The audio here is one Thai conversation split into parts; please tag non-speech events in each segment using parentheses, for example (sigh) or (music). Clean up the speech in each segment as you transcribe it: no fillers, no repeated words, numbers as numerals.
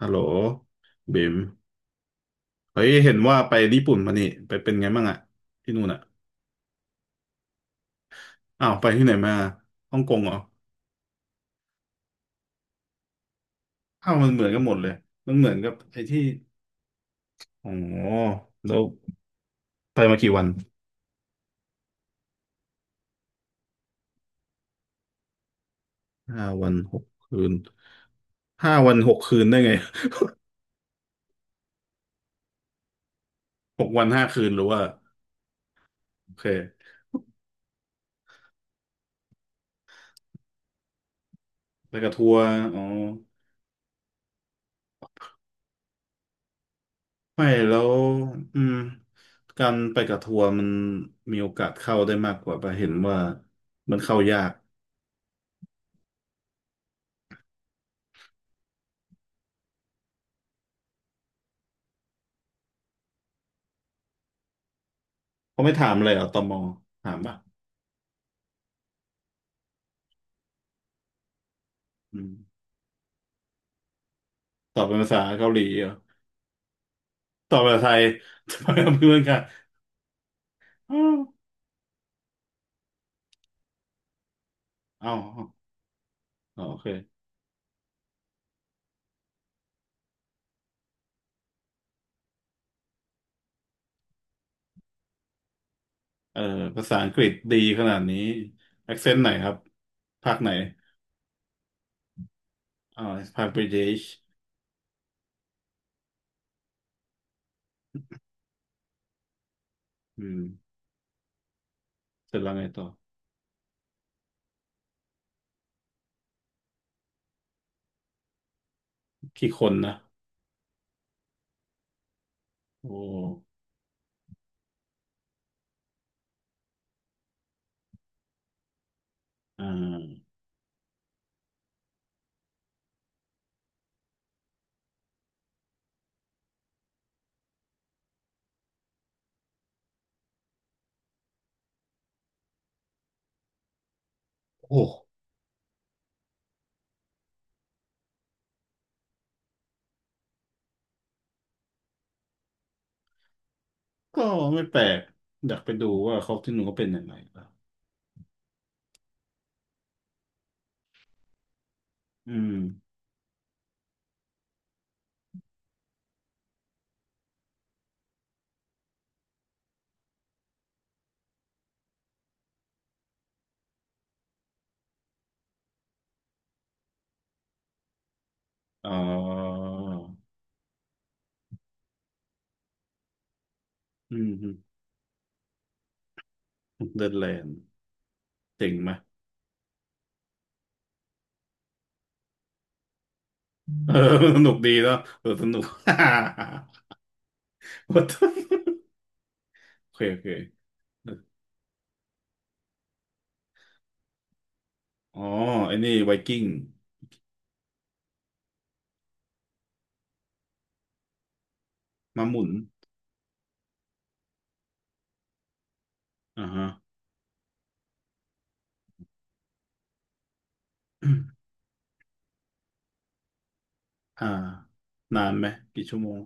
ฮัลโหลบิมเฮ้ยเห็นว่าไปญี่ปุ่นมานี่ไปเป็นไงบ้างอะที่นู่นอะอ้าวไปที่ไหนมาฮ่องกงเหรออ้าวมันเหมือนกันหมดเลยมันเหมือนกับไอ้ที่อ๋อแล้วไปมากี่วันห้าวันหกคืนห้าวันหกคืนได้ไง (laughs) 6 วัน 5 คืนหรือว่าโอเคไปกับทัวร์อ๋อไม่แล้วอืมการไปกับทัวร์มันมีโอกาสเข้าได้มากกว่าปะเห็นว่ามันเข้ายากเขาไม่ถามเลยเหรอตมถามปะ อืมตอบเป็นภาษาเกาหลีเหรอตอบภาษาไทย (laughs) ทำไมเอาเพื่อนกันอ้าวอ้าวอ๋อโอเคเออภาษาอังกฤษดีขนาดนี้แอคเซนต์ไหนครับภาคไหนอ่าภาคบริติชอืมเสร็จแล้วไงต่อกี่คนนะโอ้อ่าโอ้ก็ไม่แปลกอยากไปดูว่าเขาที่หนูเขาเป็นยังไงล่ะอืมอ๋ออืมเดนแลนด์เจ๋งไหมเออสนุกดีเนาะเออ (laughs) สนุก (laughs) What the โอเคโอเค อ๋อไอ้นี่ไวกิ้งมาหมุนอ่าฮะ (coughs) อ่านานไหมกี่ชั่วโมง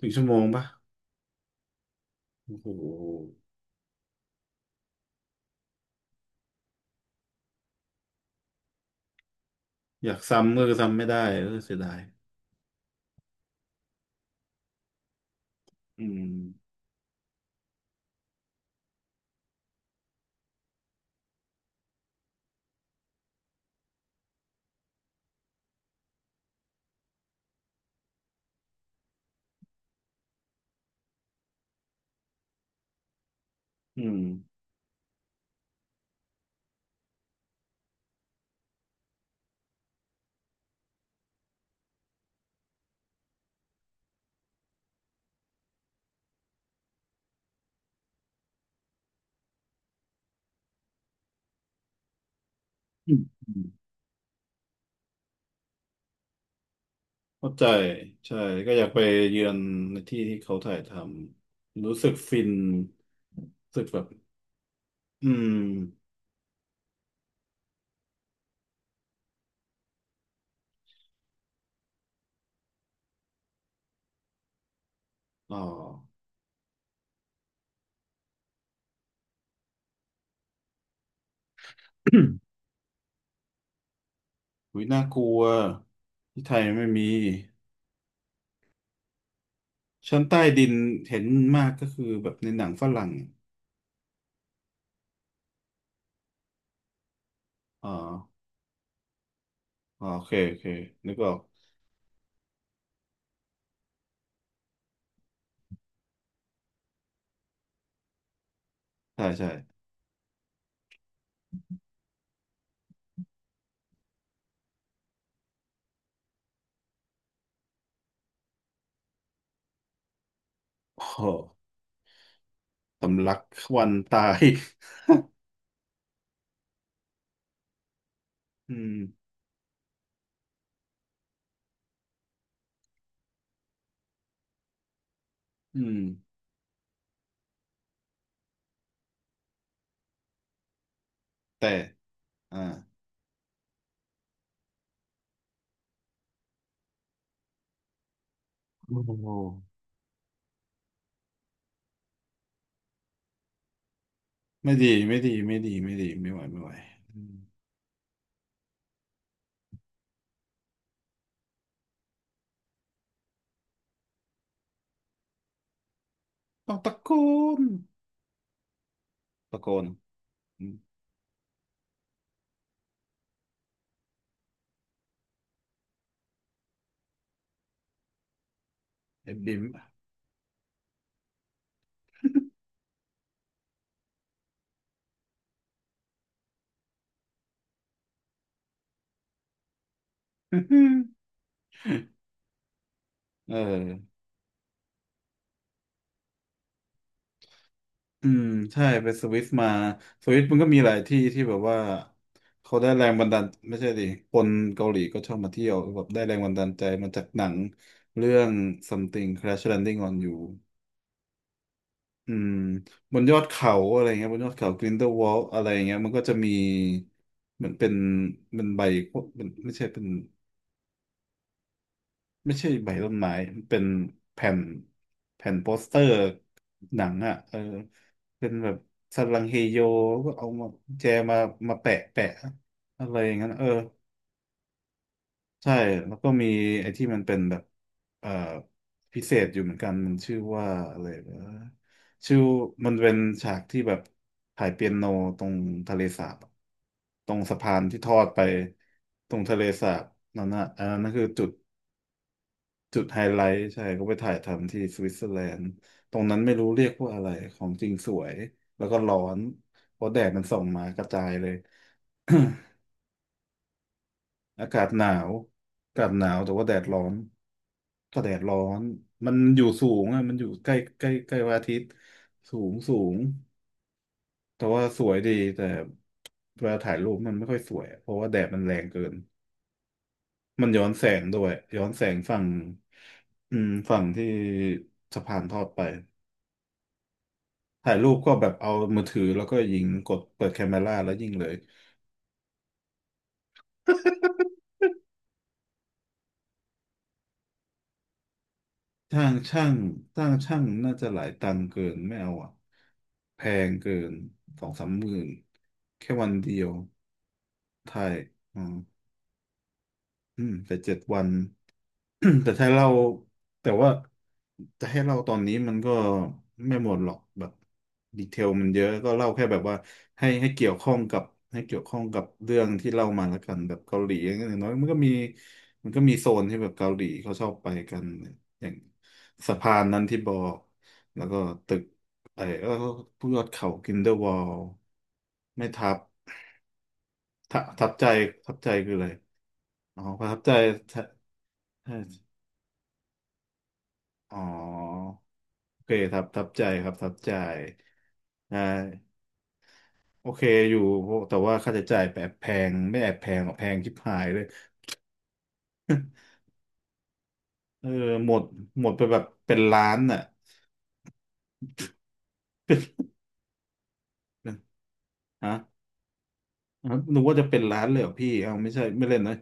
ถึงชั่วโมงปะโอ้โหอยากซ้ำก็ซ้ำไม่ได้เออเสียดายอืมอืมอืมอืมเข้าใจใช่ก็อยากไปเยือนในที่ที่เขาถ่ายทำรู้สึกฟินรู้สึกแบบอืมอ๋อ (coughs) อุ้ยน่ากลัวที่ไทยไม่มี ชั้นใต้ดินเห็นมากก็คือแบบในหนังฝรั่งอ๋ออ๋อโอเค โอเคนึกออกใช่ใช่โอ้โหสำลักควันตาย (laughs) อืมอืมแต่อ่าโอ้โหไม่ดีไม่ดี ไม่ดี ไม่ดี ไม่ไหวไม่ไหวอืมต้องตะโกนตะโกนเอ็มดิม (laughs) เออ อืมใช่ไปสวิสมาสวิสมันก็มีหลายที่ที่แบบว่าเขาได้แรงบันดาลไม่ใช่ดิคนเกาหลีก็ชอบมาเที่ยวแบบได้แรงบันดาลใจมาจากหนังเรื่อง something crash landing on you อืมบนยอดเขาอะไรเงี้ยบนยอดเขา Grindelwald อลอะไรเงี้ยมันก็จะมีเหมือนเป็นเป็นใบเป็นไม่ใช่เป็น ไม่ใช่ใบต้นไม้มันเป็นแผ่นแผ่นโปสเตอร์หนังอ่ะเออเป็นแบบสันลังเฮโยก็เอามาแจมามาแปะแปะอะไรอย่างนั้นเออใช่แล้วก็มีไอ้ที่มันเป็นแบบเอ่อพิเศษอยู่เหมือนกันมันชื่อว่าอะไรนะชื่อมันเป็นฉากที่แบบถ่ายเปียโนตรงทะเลสาบอะตรงสะพานที่ทอดไปตรงทะเลสาบนั่นนะอันนั้นคือจุด จุดไฮไลท์ใช่เขาไปถ่ายทำที่สวิตเซอร์แลนด์ตรงนั้นไม่รู้เรียกว่าอะไรของจริงสวยแล้วก็ร้อนเพราะแดดมันส่องมากระจายเลย (coughs) อากาศหนาวอากาศหนาวแต่ว่าแดดร้อนก็แดดร้อนมันอยู่สูงอ่ะมันอยู่ใกล้ใกล้ใกล้พระอาทิตย์สูงสูงแต่ว่าสวยดีแต่เวลาถ่ายรูปมันไม่ค่อยสวยเพราะว่าแดดมันแรงเกินมันย้อนแสงด้วยย้อนแสงฝั่งอืมฝั่งที่สะพานทอดไป ถ่ายรูปก็แบบเอามือถือแล้วก็ยิงกดเปิดแคมเมราแล้วยิงเลยช่างช่างช่้างช่างน่าจะหลายตังค์เกินไม่เอาอ่ะแพงเกิน2-3 หมื่นแค่วันเดียวถ่ายอืมอืมแต่7 วัน (coughs) (clears throat) แต่ถ้าเราแต่ว่าจะให้เล่าตอนนี้มันก็ไม่หมดหรอกแบบดีเทลมันเยอะก็เล่าแค่แบบว่าให้ให้เกี่ยวข้องกับให้เกี่ยวข้องกับเรื่องที่เล่ามาแล้วกันแบบเกาหลีอย่างน้อยมันก็มีมันก็มีโซนที่แบบเกาหลีเขาชอบไปกันอย่างสะพานนั้นที่บอกแล้วก็ตึกไอ้แล้วก็พวกยอดเขากินเดอร์วอลไม่ทับทับใจทับใจคืออะไรอ๋อประทับใจใช่อ๋อ โอเคครับทับใจครับทับใจอ่าโอเคอยู่โอ้แต่ว่าค่าใช้จ่ายแอบแพงไม่แอบแพงหรอกแพงชิบหายเลย (laughs) เออหมดหมดไปแบบเป็นล้านน่ะฮะฮะนึกว่าจะเป็นล้านเลยเหรอพี่เอาไม่ใช่ไม่เล่นนะ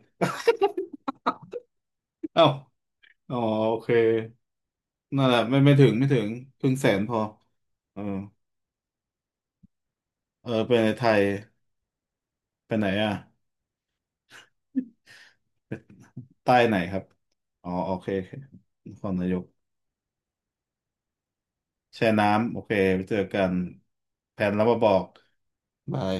(laughs) เอ้าอ๋อโอเคนั่นแหละไม่ไม่ถึงไม่ถึงครึ่งแสนพอเออเออไปในไทยไปไหนอ่ะใต้ไหนครับอ๋อโอเคโอเคนครนายก แช่น้ำโอเคไปเจอกันแผนแล้วมาบอกบาย